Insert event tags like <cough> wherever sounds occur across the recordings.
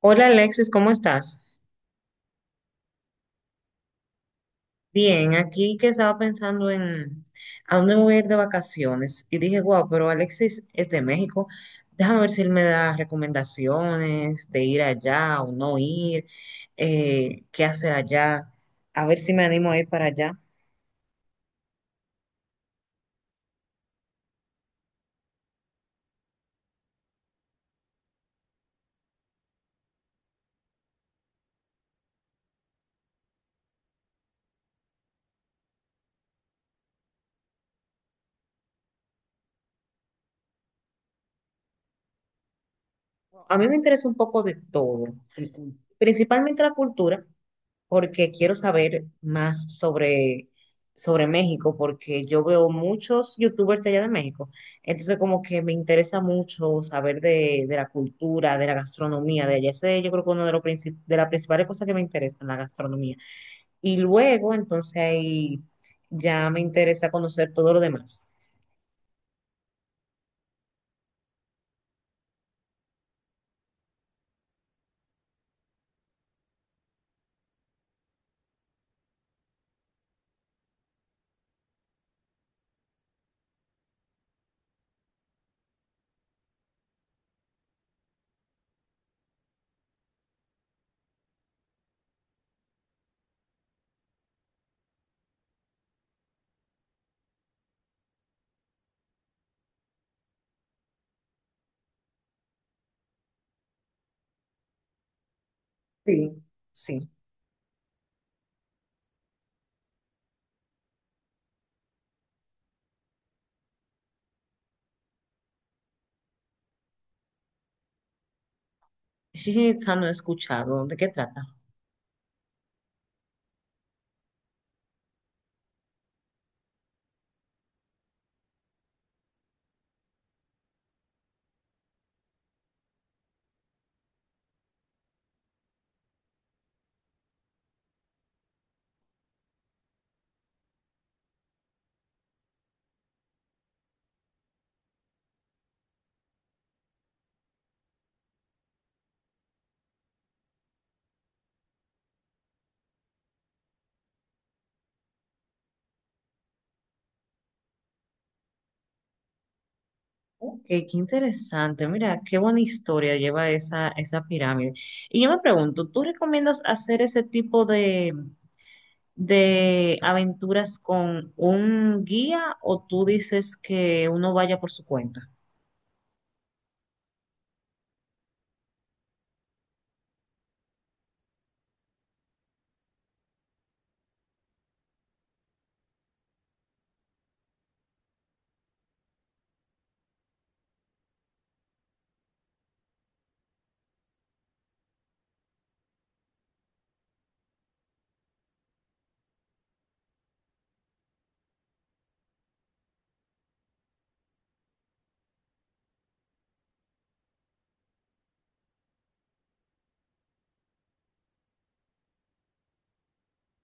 Hola Alexis, ¿cómo estás? Bien, aquí que estaba pensando en a dónde me voy a ir de vacaciones y dije, wow, pero Alexis es de México, déjame ver si él me da recomendaciones de ir allá o no ir, qué hacer allá, a ver si me animo a ir para allá. A mí me interesa un poco de todo, principalmente la cultura, porque quiero saber más sobre México, porque yo veo muchos youtubers de allá de México. Entonces, como que me interesa mucho saber de la cultura, de la gastronomía de allá. Ese yo creo que uno de los de las principales cosas que me interesan, la gastronomía. Y luego, entonces ahí ya me interesa conocer todo lo demás. Sí. Sí. Sí, no he escuchado. ¿De qué trata? Ok, qué interesante. Mira, qué buena historia lleva esa pirámide. Y yo me pregunto, ¿tú recomiendas hacer ese tipo de aventuras con un guía o tú dices que uno vaya por su cuenta?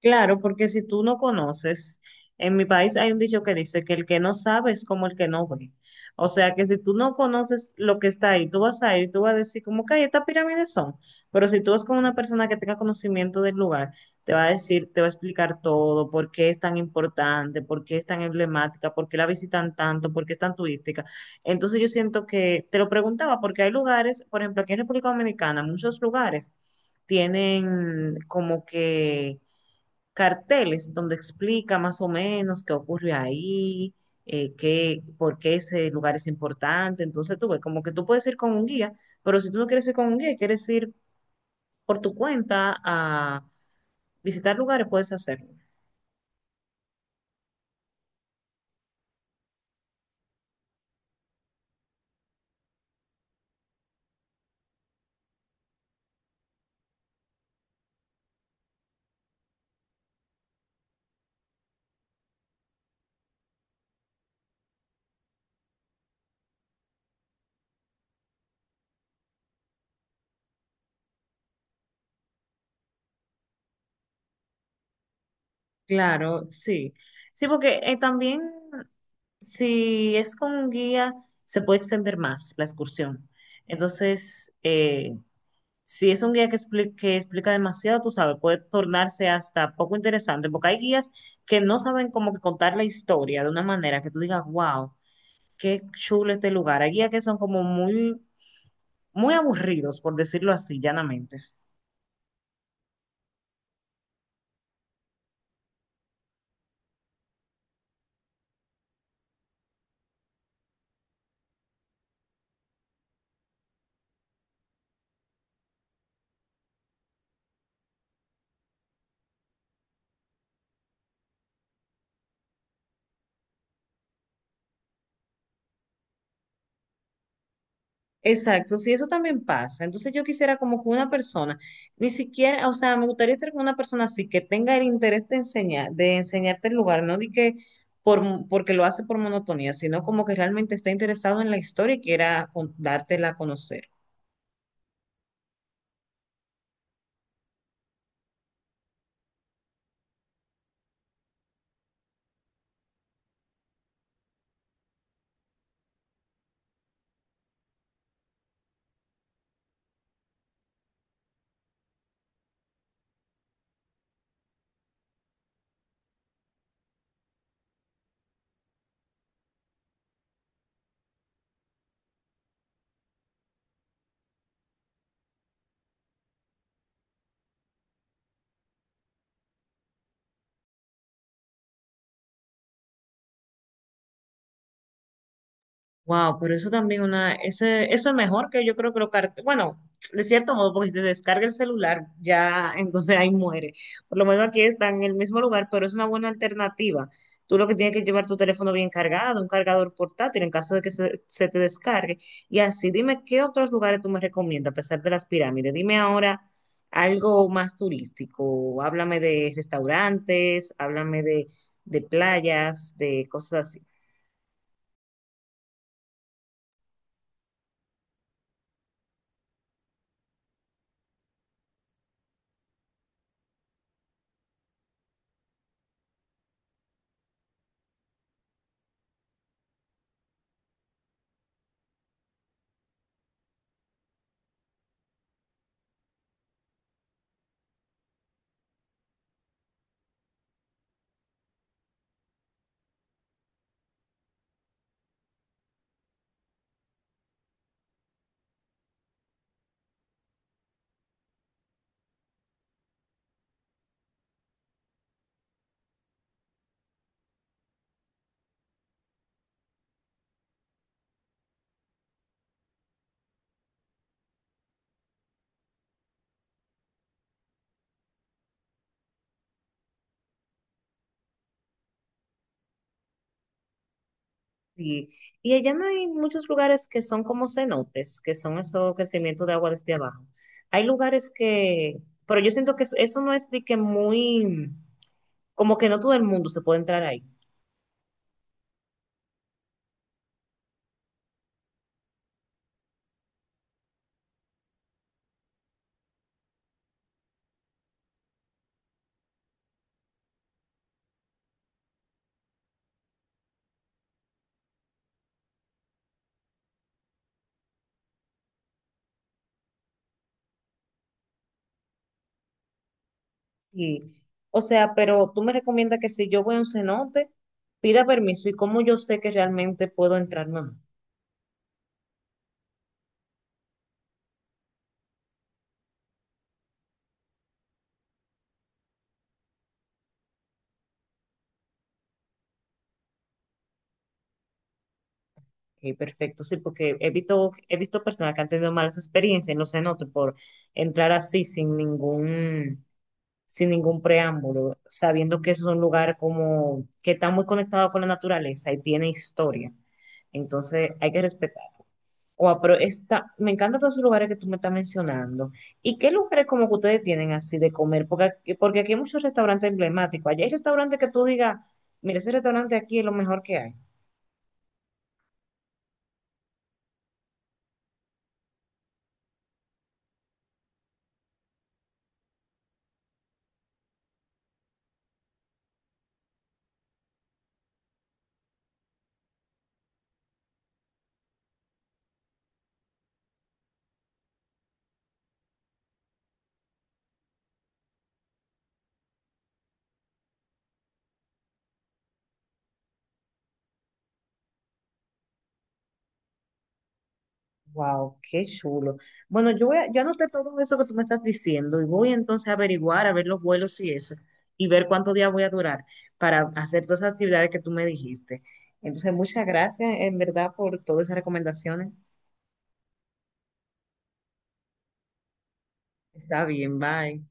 Claro, porque si tú no conoces, en mi país hay un dicho que dice que el que no sabe es como el que no ve. O sea que si tú no conoces lo que está ahí, tú vas a ir y tú vas a decir como que "Ay, estas pirámides son". Pero si tú vas con una persona que tenga conocimiento del lugar, te va a decir, te va a explicar todo, por qué es tan importante, por qué es tan emblemática, por qué la visitan tanto, por qué es tan turística. Entonces yo siento que te lo preguntaba porque hay lugares, por ejemplo, aquí en República Dominicana, muchos lugares tienen como que carteles donde explica más o menos qué ocurre ahí, qué, por qué ese lugar es importante. Entonces tú ves, como que tú puedes ir con un guía, pero si tú no quieres ir con un guía y quieres ir por tu cuenta a visitar lugares, puedes hacerlo. Claro, sí. Sí, porque también si es con un guía, se puede extender más la excursión. Entonces, si es un guía que explica demasiado, tú sabes, puede tornarse hasta poco interesante, porque hay guías que no saben cómo que contar la historia de una manera que tú digas, wow, qué chulo este lugar. Hay guías que son como muy aburridos, por decirlo así, llanamente. Exacto, sí, eso también pasa. Entonces yo quisiera como que una persona, ni siquiera, o sea, me gustaría estar con una persona así que tenga el interés de enseñar, de enseñarte el lugar, no de que por, porque lo hace por monotonía, sino como que realmente está interesado en la historia y quiera dártela a conocer. Wow, pero eso también una, ese, eso es mejor que yo creo que lo bueno, de cierto modo, porque si te descarga el celular, ya <laughs> entonces ahí muere. Por lo menos aquí está en el mismo lugar, pero es una buena alternativa. Tú lo que tienes que llevar tu teléfono bien cargado, un cargador portátil en caso de que se te descargue. Y así, dime qué otros lugares tú me recomiendas, a pesar de las pirámides. Dime ahora algo más turístico. Háblame de restaurantes, háblame de playas, de cosas así. Sí. Y allá no hay muchos lugares que son como cenotes, que son esos crecimientos de agua desde abajo. Hay lugares que, pero yo siento que eso no es de que muy, como que no todo el mundo se puede entrar ahí. Sí. O sea, pero tú me recomiendas que si yo voy a un cenote, pida permiso y cómo yo sé que realmente puedo entrar, no. Ok, perfecto, sí, porque he visto personas que han tenido malas experiencias en los cenotes por entrar así sin ningún preámbulo, sabiendo que es un lugar como que está muy conectado con la naturaleza y tiene historia. Entonces hay que respetar. O pero está, me encantan todos esos lugares que tú me estás mencionando. ¿Y qué lugares como que ustedes tienen así de comer? Porque aquí hay muchos restaurantes emblemáticos. Allá hay restaurantes que tú digas, mira, ese restaurante aquí es lo mejor que hay. Wow, qué chulo. Bueno, yo voy a, yo anoté todo eso que tú me estás diciendo y voy entonces a averiguar, a ver los vuelos y eso, y ver cuántos días voy a durar para hacer todas esas actividades que tú me dijiste. Entonces, muchas gracias en verdad por todas esas recomendaciones. Está bien, bye.